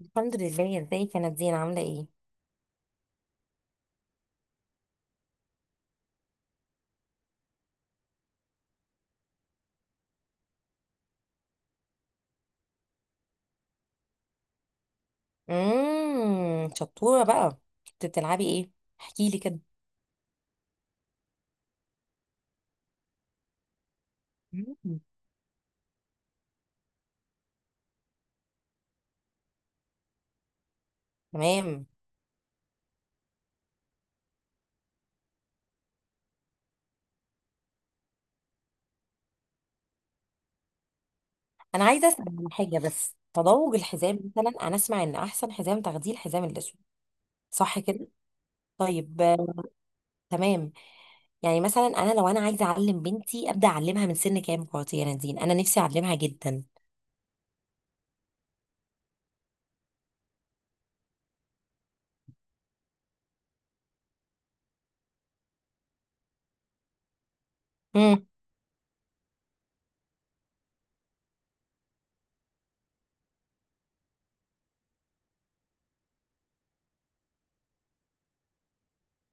الحمد لله. ازيك يا نادين، عامله ايه؟ شطوره بقى. كنت بتلعبي ايه؟ احكي لي كده. مم. تمام. انا عايزه اسال عن حاجه، بس تضوج الحزام. مثلا انا اسمع ان احسن حزام تاخديه الحزام الاسود، صح كده؟ طيب. تمام. يعني مثلا انا لو عايزه اعلم بنتي، ابدا اعلمها من سن كام كواتي يا نادين؟ انا نفسي اعلمها جدا. امم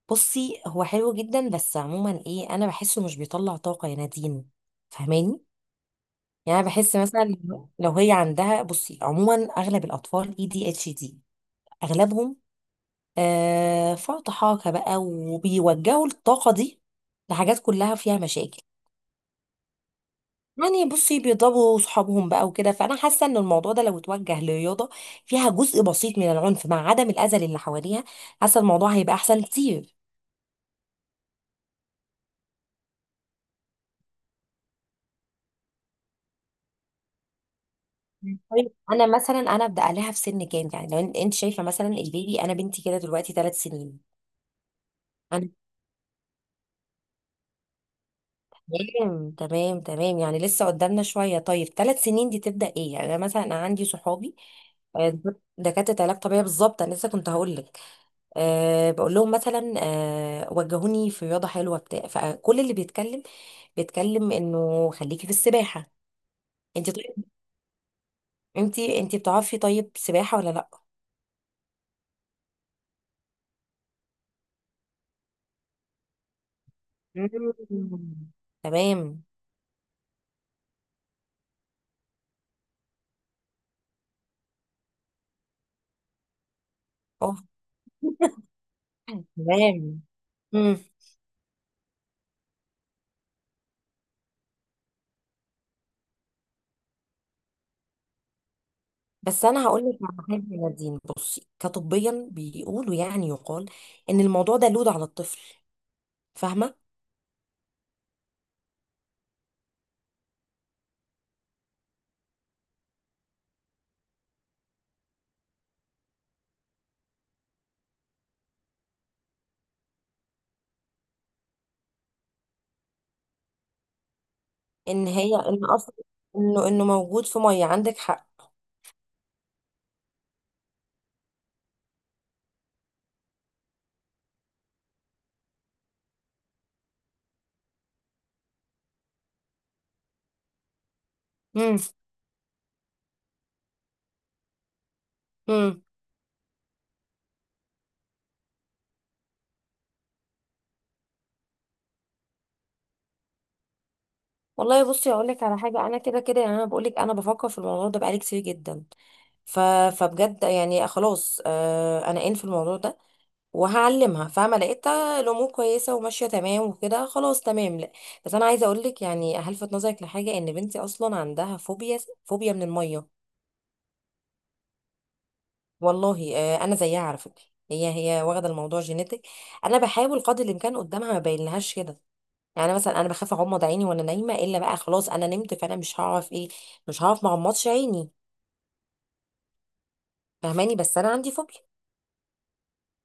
بصي، هو حلو جدا، بس عموما ايه، انا بحسه مش بيطلع طاقه يا نادين، فاهماني؟ يعني أنا بحس مثلا لو هي عندها، بصي عموما اغلب الاطفال ADHD اغلبهم. آه، فرط حاجه بقى، وبيوجهوا الطاقه دي لحاجات كلها فيها مشاكل. يعني بصي بيضربوا صحابهم بقى وكده، فانا حاسه ان الموضوع ده لو اتوجه لرياضه فيها جزء بسيط من العنف، مع عدم الاذى اللي حواليها، حاسه الموضوع هيبقى احسن كتير. مم. طيب انا مثلا ابدا عليها في سن كام؟ يعني لو انت شايفه، مثلا البيبي، انا بنتي كده دلوقتي 3 سنين. تمام تمام تمام. يعني لسه قدامنا شوية. طيب 3 سنين دي تبدأ ايه؟ يعني انا مثلا عندي صحابي، آه، دكاترة علاج طبيعي بالظبط. انا لسه كنت هقول لك. بقول لهم مثلا، وجهوني في رياضة حلوة بتاع. فكل اللي بيتكلم انه خليكي في السباحة. انت طيب، انت بتعرفي، طيب سباحة ولا لا؟ مم. تمام. اوه. تمام. بس انا هقول لك على حاجه يا نادين، بصي كطبيا بيقولوا، يعني يقال ان الموضوع ده لود على الطفل، فاهمه؟ ان هي ان اصلا انه موجود في ميه، عندك حق. امم امم والله، بصي اقول لك على حاجه، انا كده كده، يعني انا بقول لك، انا بفكر في الموضوع ده بقالي كتير جدا. ف... فبجد يعني خلاص، انا ان في الموضوع ده وهعلمها، فاهمه؟ لقيتها الامور كويسه وماشيه تمام وكده، خلاص تمام، لا. بس انا عايزه اقول لك يعني هلفت نظرك لحاجه، ان بنتي اصلا عندها فوبيا، فوبيا من الميه. والله، انا زيها على فكره. هي واخده الموضوع جينيتك. انا بحاول قدر الامكان قدامها ما بينلهاش كده. يعني مثلا انا بخاف اغمض عيني وانا نايمه، الا بقى خلاص انا نمت، فانا مش هعرف ايه، مش هعرف ما اغمضش عيني، فاهماني؟ بس انا عندي فوبيا.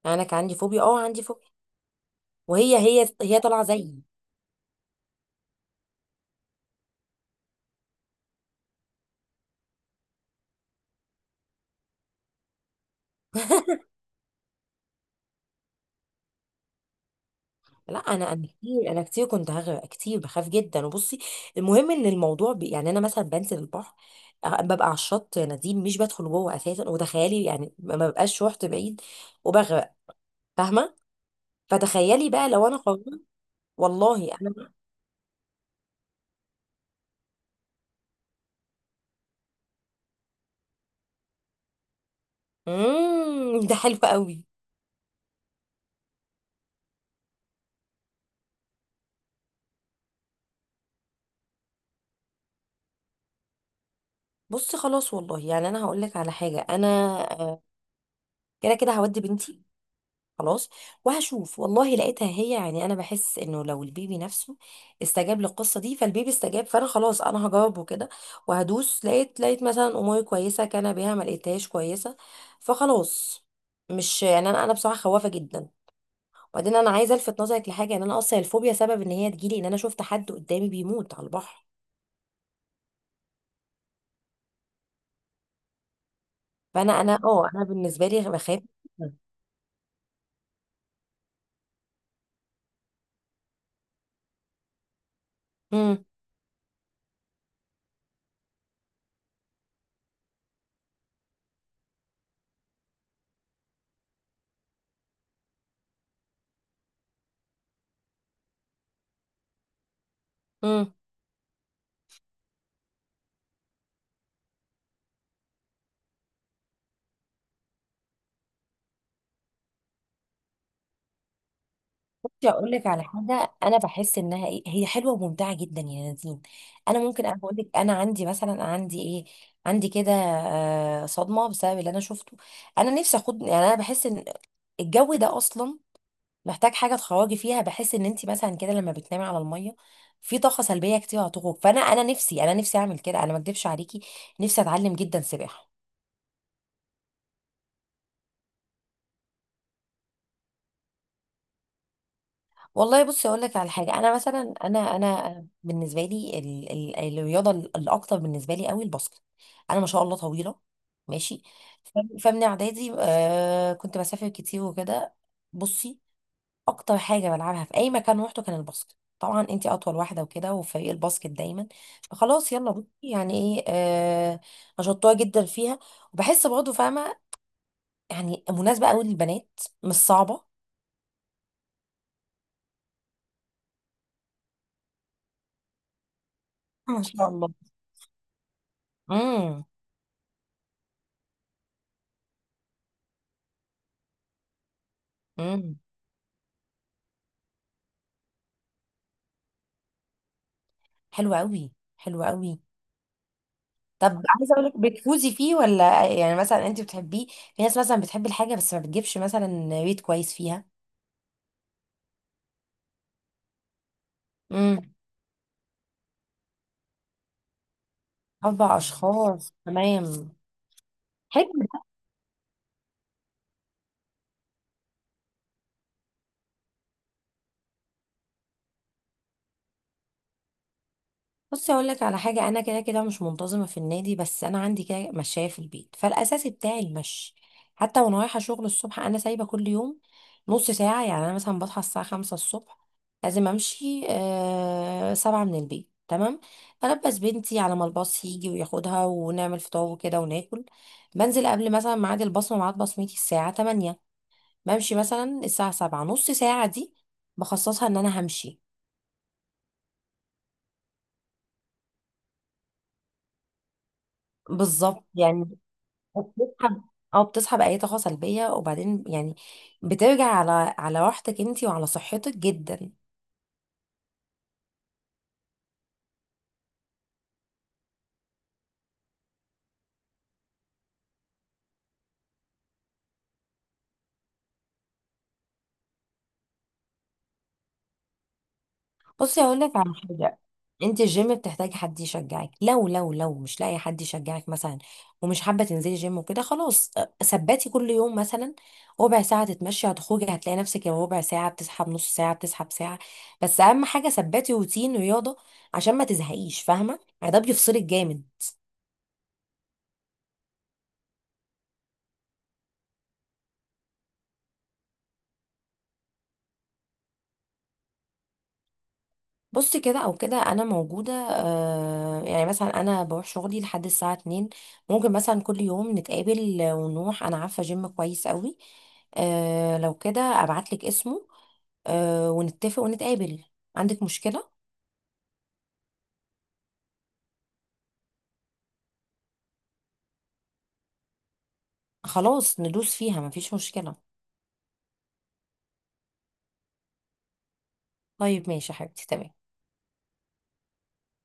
يعني انا كان عندي فوبيا، عندي فوبيا. وهي هي هي طالعه زيي. لا، انا كتير كنت هغرق كتير، بخاف جدا. وبصي، المهم ان الموضوع يعني انا مثلا بنزل البحر، ببقى على الشط يا نادين، مش بدخل جوه اساسا. وتخيلي يعني ما ببقاش رحت بعيد وبغرق، فاهمه؟ فتخيلي بقى لو انا قررت. والله انا. ده حلو قوي. بصي خلاص، والله يعني انا هقول لك على حاجه، انا آه، كده كده هودي بنتي، خلاص، وهشوف. والله لقيتها هي، يعني انا بحس انه لو البيبي نفسه استجاب للقصه دي، فالبيبي استجاب، فانا خلاص انا هجاوبه كده وهدوس. لقيت مثلا اموري كويسه كان بيها، ما لقيتهاش كويسه فخلاص. مش يعني انا بصراحه خوافه جدا. وبعدين انا عايزه الفت نظرك لحاجه، ان انا اصلا الفوبيا سبب ان هي تجيلي ان انا شفت حد قدامي بيموت على البحر. فانا انا بالنسبه لي بخاف. امم بصي اقول لك على حاجه، انا بحس انها ايه، هي حلوه وممتعه جدا يا نادين. انا ممكن بقول لك، انا عندي مثلا، عندي ايه، عندي كده صدمه بسبب اللي انا شفته. انا نفسي اخد، يعني انا بحس ان الجو ده اصلا محتاج حاجه تخرجي فيها. بحس ان انت مثلا كده لما بتنامي على الميه في طاقه سلبيه كتير هتخرج. فانا انا نفسي اعمل كده، انا ما اكدبش عليكي، نفسي اتعلم جدا سباحه. والله، بصي اقول لك على حاجه، انا مثلا انا بالنسبه لي الرياضه الاكتر بالنسبه لي قوي الباسكت. انا ما شاء الله طويله، ماشي. فمن اعدادي، كنت بسافر كتير وكده. بصي، اكتر حاجه بلعبها في اي مكان روحته كان الباسكت، طبعا انتي اطول واحده وكده، وفريق الباسكت دايما. فخلاص يلا بصي، يعني ايه، شطوره جدا فيها. وبحس برضه فاهمه يعني، مناسبه قوي للبنات، مش صعبه. ما شاء الله. امم حلو قوي، حلو قوي. طب عايزه اقول لك، بتفوزي فيه ولا؟ يعني مثلا انت بتحبيه. في ناس مثلا بتحب الحاجه بس ما بتجيبش مثلا ريت كويس فيها. امم 4 اشخاص تمام. حلو. بصي اقول لك على حاجه، انا كده كده مش منتظمه في النادي، بس انا عندي كده مشاية في البيت، فالاساسي بتاعي المشي. حتى وانا رايحه شغل الصبح، انا سايبه كل يوم نص ساعه. يعني انا مثلا بصحى الساعه 5 الصبح، لازم امشي 7 من البيت، تمام. البس بنتي على ما الباص يجي وياخدها، ونعمل فطار وكده وناكل، بنزل قبل مثلا ميعاد البصمه. ميعاد بصمتي الساعه 8، بمشي مثلا الساعه 7. نص ساعه دي بخصصها ان انا همشي. بالظبط يعني. وبتسحب او بتسحب اي طاقه سلبيه، وبعدين يعني بترجع على راحتك انت، وعلى صحتك جدا. بصي هقول لك على حاجه، انت الجيم بتحتاجي حد يشجعك، لو مش لاقي حد يشجعك مثلا، ومش حابه تنزلي جيم وكده، خلاص، ثبتي كل يوم مثلا ربع ساعه تتمشي، هتخرجي هتلاقي نفسك، يا ربع ساعه بتسحب، نص ساعه بتسحب، ساعه. بس اهم حاجه ثبتي روتين رياضه عشان ما تزهقيش، فاهمه يعني؟ ده بيفصلك جامد. بص، كده او كده انا موجوده. يعني مثلا انا بروح شغلي لحد الساعه 2، ممكن مثلا كل يوم نتقابل ونروح. انا عارفه جيم كويس قوي، آه لو كده ابعت لك اسمه، ونتفق ونتقابل. عندك مشكله؟ خلاص ندوس فيها، مفيش مشكله. طيب ماشي يا حبيبتي، تمام.